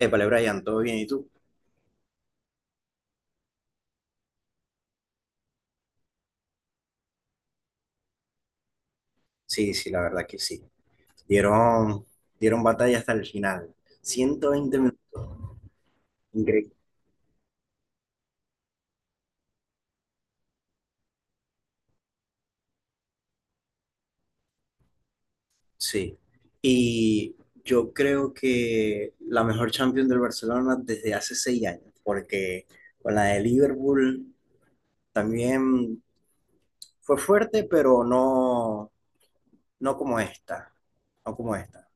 Épale, Brian, ¿todo bien? ¿Y tú? Sí, sí, la verdad que sí. Dieron, Dieron batalla hasta el final. 120 minutos. Increíble. Sí. Y yo creo que la mejor Champions del Barcelona desde hace 6 años, porque con la de Liverpool también fue fuerte, pero no como esta. No como esta.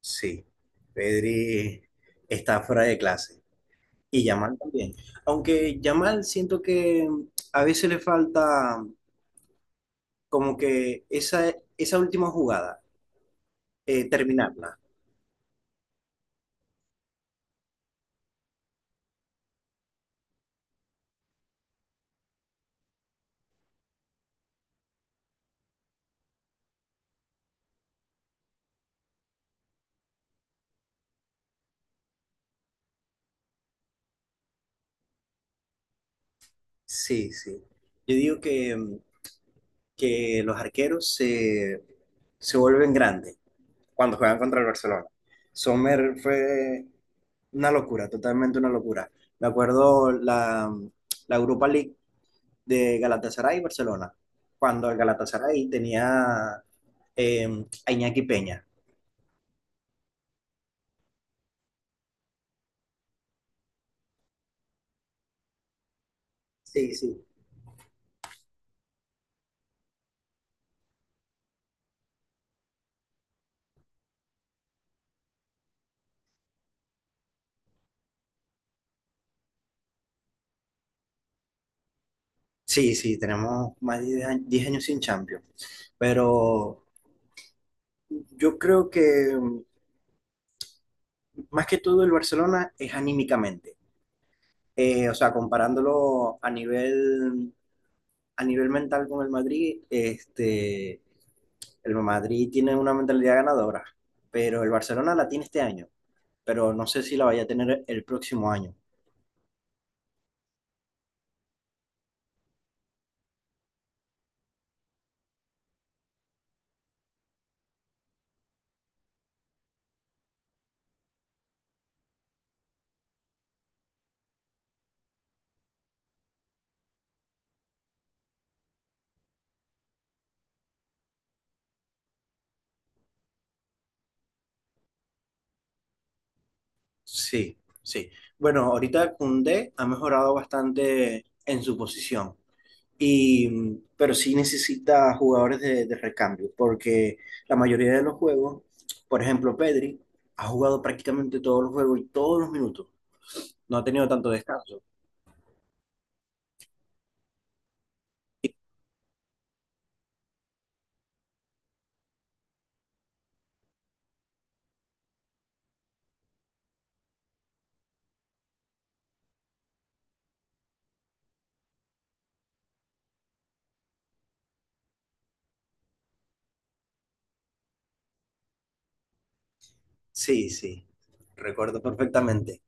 Sí. Pedri está fuera de clase. Y Yamal también. Aunque Yamal siento que a veces le falta como que esa última jugada, terminarla. Sí, sí. Yo digo que los arqueros se vuelven grandes cuando juegan contra el Barcelona. Sommer fue una locura, totalmente una locura. Me acuerdo la Europa League de Galatasaray y Barcelona, cuando el Galatasaray tenía a Iñaki Peña. Sí, sí. Sí, sí, tenemos más de 10 años sin Champions. Pero yo creo que más que todo el Barcelona es anímicamente. O sea, comparándolo a a nivel mental con el Madrid, el Madrid tiene una mentalidad ganadora, pero el Barcelona la tiene este año, pero no sé si la vaya a tener el próximo año. Sí, sí. Bueno, ahorita Koundé ha mejorado bastante en su posición. Y, pero sí necesita jugadores de recambio, porque la mayoría de los juegos, por ejemplo, Pedri ha jugado prácticamente todos los juegos y todos los minutos. No ha tenido tanto descanso. Y- Sí, sí, recuerdo perfectamente.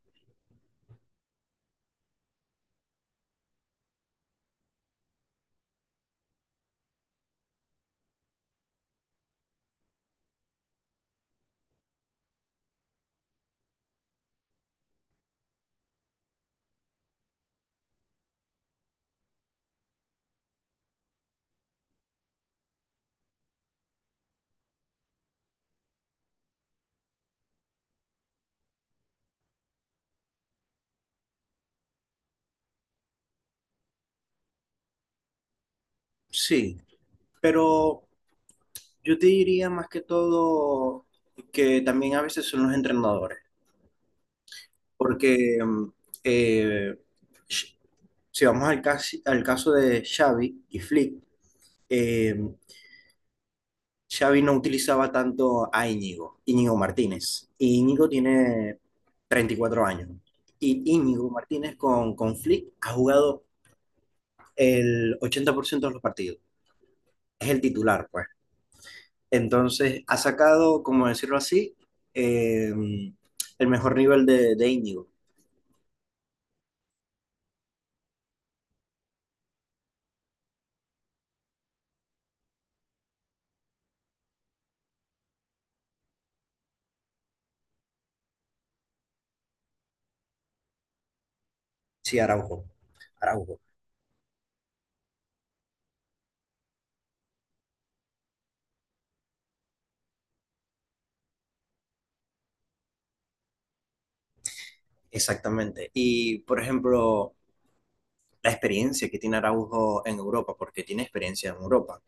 Sí, pero yo te diría más que todo que también a veces son los entrenadores, porque eh, sh- si vamos al caso de Xavi y Flick, eh, Xavi no utilizaba tanto a Íñigo Martínez. Y Íñigo tiene 34 años. Y Íñigo Martínez con Flick ha jugado el 80% de los partidos. Es el titular, pues. Entonces, ha sacado, como decirlo así, eh, el mejor nivel de Íñigo. Sí, Araujo. Araujo, exactamente. Y, por ejemplo, la experiencia que tiene Araujo en Europa, porque tiene experiencia en Europa.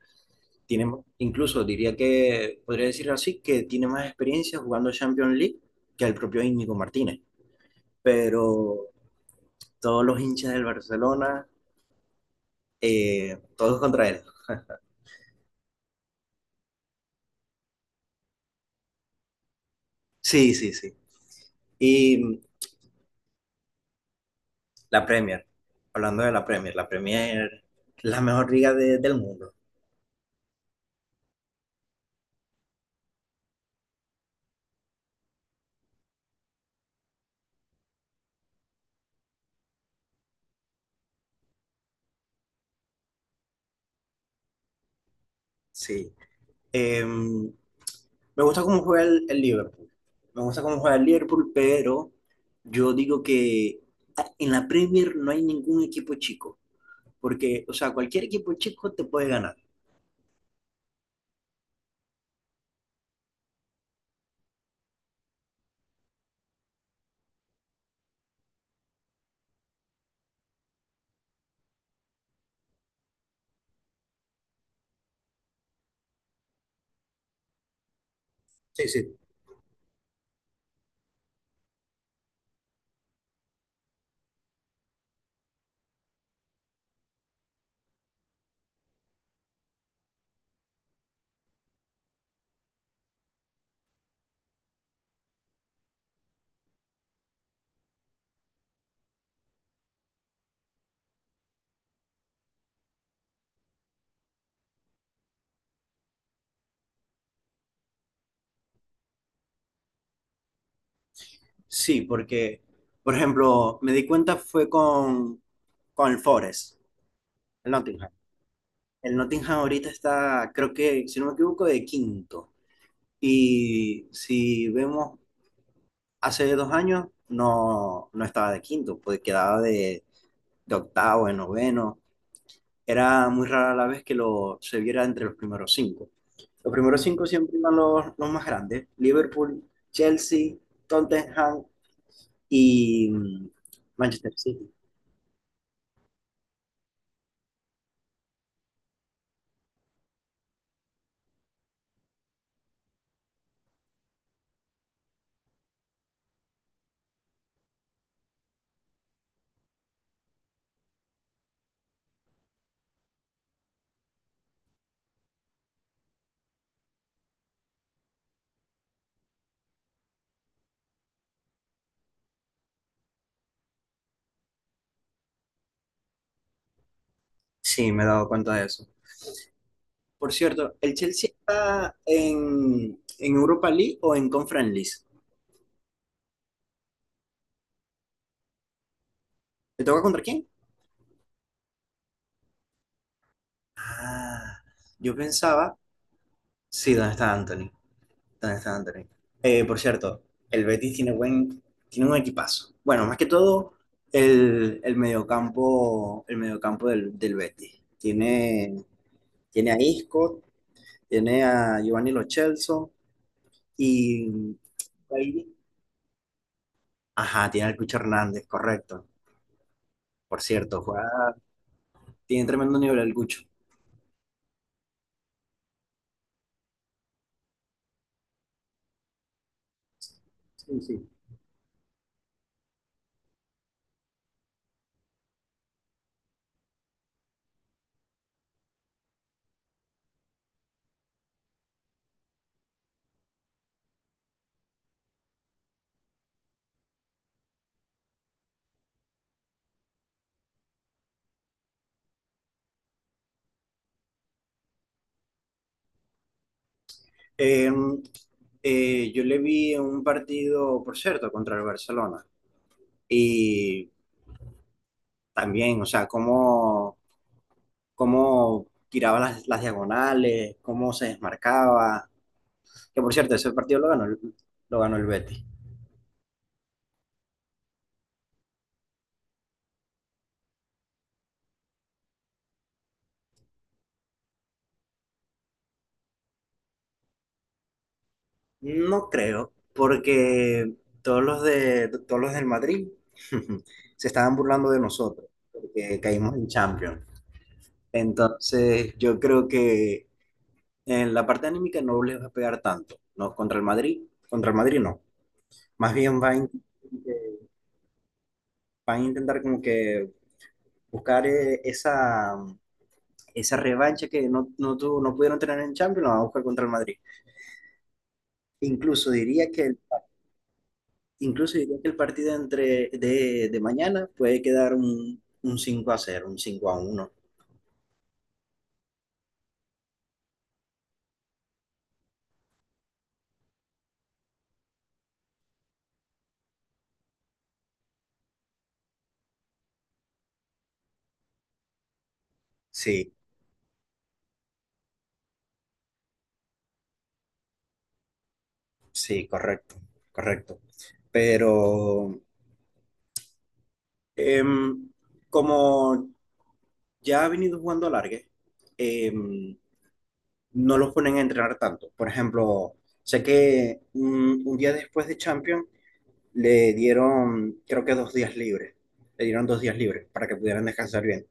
tiene, incluso diría que, podría decir así, que tiene más experiencia jugando Champions League que el propio Íñigo Martínez. Pero todos los hinchas del Barcelona, todos contra él. Sí, sí, sí. Y la Premier, hablando de la Premier, la Premier, la mejor liga del mundo, sí. Me gusta cómo juega el Liverpool. Me gusta cómo juega el Liverpool, pero yo digo que en la Premier no hay ningún equipo chico. Porque, o sea, cualquier equipo chico te puede ganar. Sí, sí. Sí, porque, por ejemplo, me di cuenta fue con el Nottingham. El Nottingham ahorita está, creo que, si no me equivoco, de quinto. Y si vemos hace 2 años, no, no estaba de quinto, pues quedaba de octavo, de noveno. Era muy rara la vez que se viera entre los primeros cinco. Los primeros cinco siempre iban los más grandes. Liverpool, Chelsea, Tottenham y Manchester City. Sí, me he dado cuenta de eso. Por cierto, ¿el Chelsea está en Europa League o en Conference League? ¿Te toca contra quién? Ah, yo pensaba, sí, ¿dónde está Anthony? ¿Dónde está Anthony? Por cierto, el Betis tiene un equipazo. Bueno, más que todo, el mediocampo del Betis. Tiene a Isco, tiene a Giovanni Lo Celso. y Ajá, tiene al Cucho Hernández, correcto. Por cierto, tiene tremendo nivel el Cucho. Sí, sí. Em, yo le vi un partido, por cierto, contra el Barcelona. Y también, o sea, cómo tiraba las diagonales, cómo se desmarcaba. Que por cierto, ese partido lo ganó el Betis. No creo, porque todos los del Madrid se estaban burlando de nosotros, porque caímos en Champions. Entonces, yo creo que en la parte anímica no les va a pegar tanto, ¿no? Contra el Madrid no. Más bien van a intentar como que buscar esa revancha que no pudieron tener en Champions, la van a buscar contra el Madrid. Incluso diría que, incluso diría que el partido entre, de mañana puede quedar un 5-0 un 5-1. Sí, sí, correcto, correcto. Pero em, como ya ha venido jugando alargue, eh, no los ponen a entrenar tanto. Por ejemplo, sé que un día después de Champions le dieron, creo que 2 días libres. Le dieron 2 días libres para que pudieran descansar bien.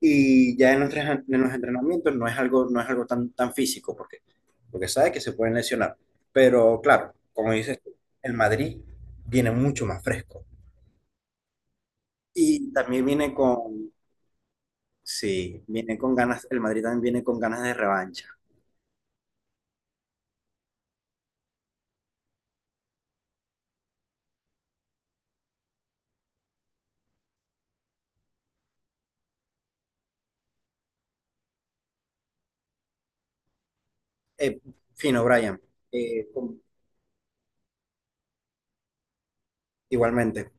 Y ya en en los entrenamientos no es algo tan físico, porque sabe que se pueden lesionar. Pero claro, como dices, tú, el Madrid viene mucho más fresco. Y también viene sí, viene con ganas, el Madrid también viene con ganas de revancha. Eh, fino, Brian. Eh, com- igualmente.